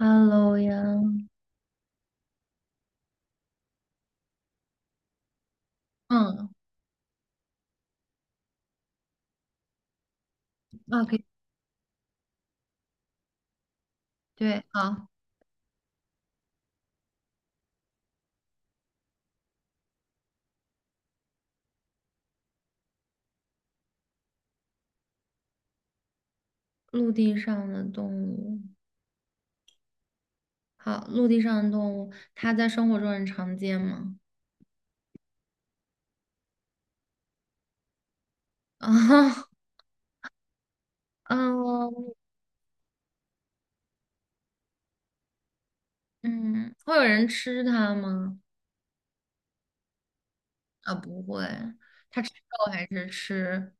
Hello 呀。嗯可以，对，好。陆地上的动物。好，陆地上的动物，它在生活中很常见吗？啊，嗯嗯，会有人吃它吗？啊，不会。它吃肉还是吃？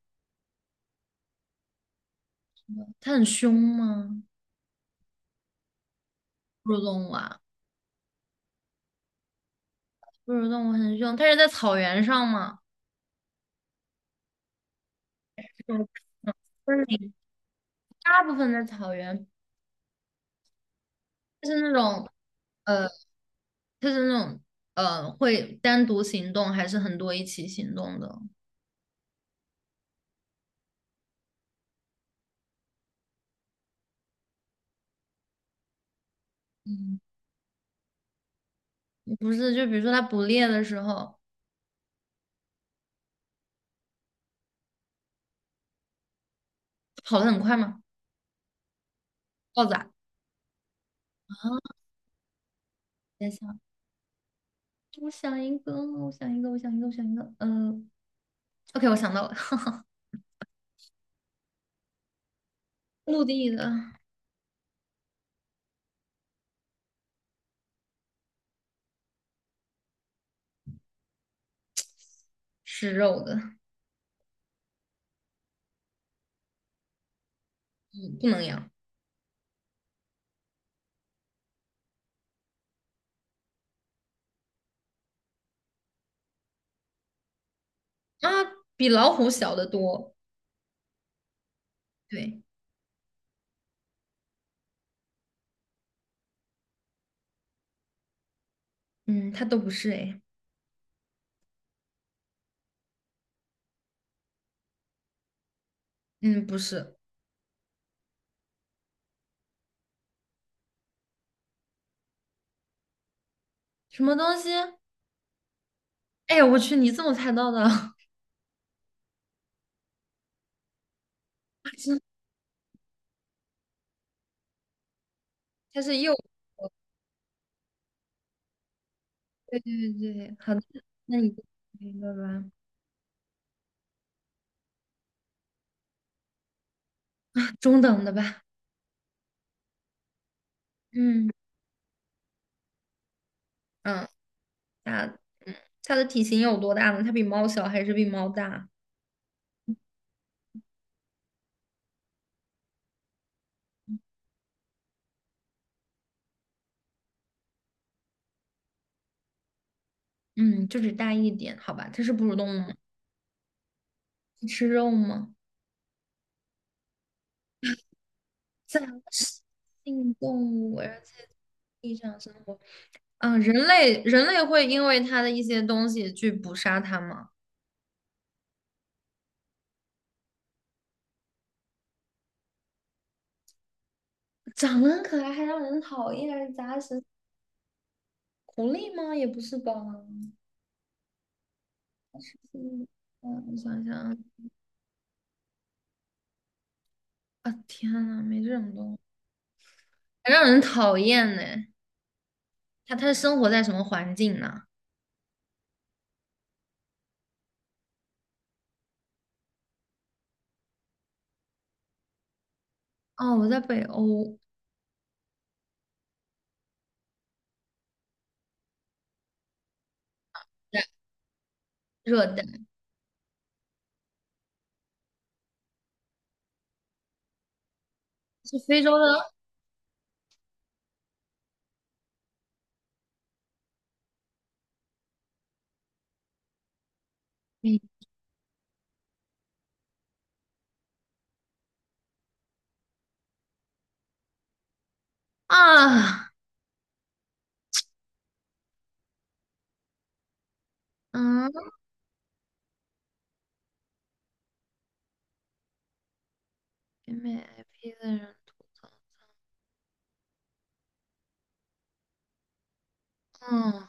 它很凶吗？哺乳动物啊。哺乳动物很凶，它是在草原上吗？这种，嗯，就是你大部分在草原，就是那种。呃。它是那种会单独行动，还是很多一起行动的？嗯，不是，就比如说它捕猎的时候跑得很快吗？豹子啊。啊，在想。我想一个，我想一个，我想一个，我想一个，OK，我想到了。陆地的。吃肉的。嗯，不能养。啊，比老虎小得多。对。嗯，它都不是哎。嗯，不是。什么东西？哎呀，我去，你怎么猜到的？它是它是鼬。对对对，好的。那你就选一个吧。啊，中等的吧。嗯嗯，它嗯它的体型有多大呢？它比猫小还是比猫大？嗯，就只大一点，好吧。它是哺乳动物吗？吃肉吗？杂食性动物，而且地上生活。啊，人类会因为它的一些东西去捕杀它吗？长得很可爱还让人讨厌，而杂食狐狸吗？也不是吧。杂食性。嗯，我想想啊。啊，天呐，没这种东西，还让人讨厌呢。它是生活在什么环境呢？哦，我在北欧。对。热带。是非洲的。嗯。啊，嗯，北美 IP 的人吐槽。嗯，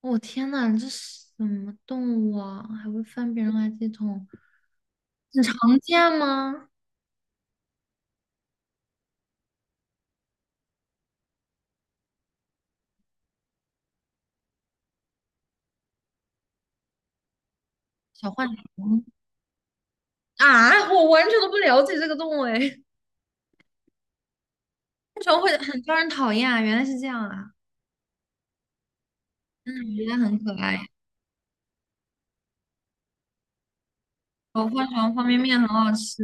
我、天呐，这是什么动物啊？还会翻别人垃圾桶。很常见吗？小浣熊。啊，我完全都不了解这个动物哎。为什么会很招人讨厌啊？原来是这样啊。嗯，我觉得很可爱。我换成方便面很好吃。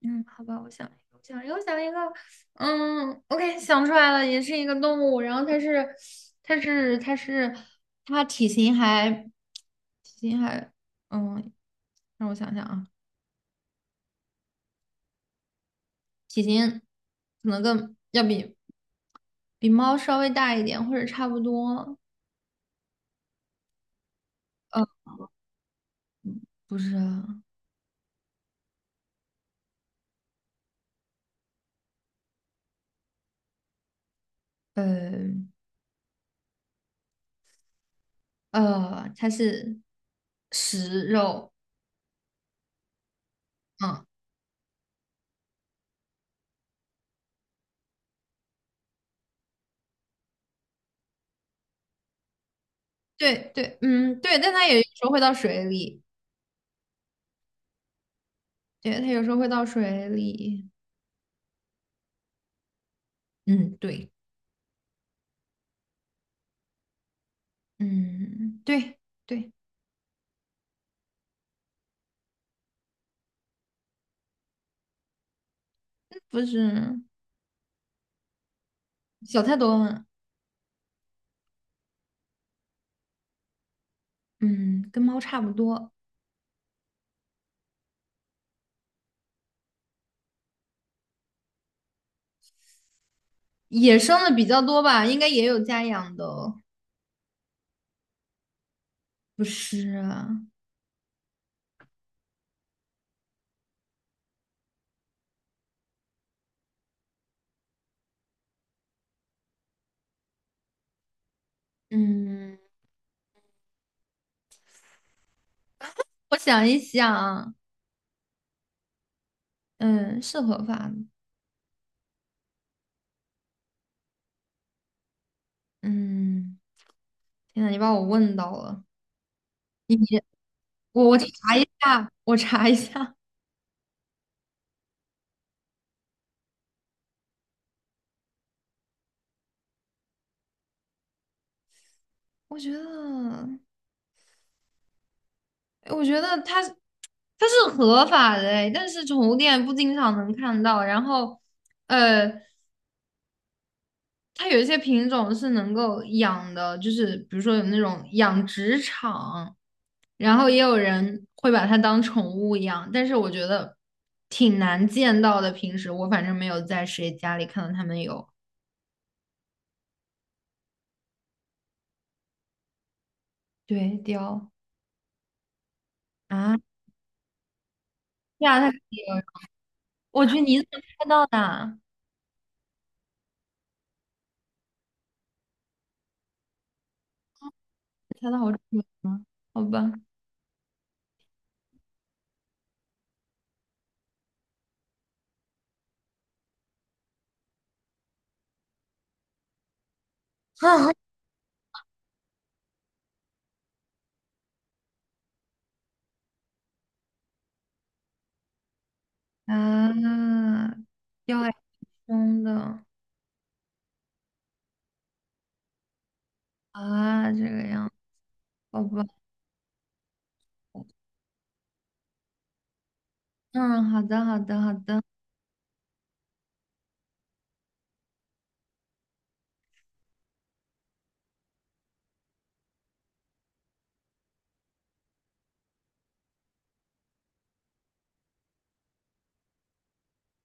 嗯，好吧，我想一个，我想一个，我想一个。嗯，OK，想出来了，也是一个动物。然后它是，它是，它是，它体型还，体型还，嗯，让我想想啊，体型可能更要比比猫稍微大一点，或者差不多。呃，不是啊。呃呃，它是食肉。嗯。对对，嗯，对，但它也有时候会到水里。对，它有时候会到水里。嗯，对。嗯，对对。不是。小太多了。嗯，跟猫差不多。野生的比较多吧，应该也有家养的哦。不是啊。嗯，我想一想。嗯，是合法的。嗯，天呐，你把我问到了。你我查一下，我查一下。我觉得。我觉得它它是合法的诶，但是宠物店不经常能看到。然后，呃，它有一些品种是能够养的，就是比如说有那种养殖场，然后也有人会把它当宠物养。但是我觉得挺难见到的，平时我反正没有在谁家里看到他们有。对，雕。啊，对啊，它可以有。我得你怎么猜到的啊？猜到好准吗？好吧。啊，要还挺凶的。啊，这个样，好吧。嗯，好的，好的，好的。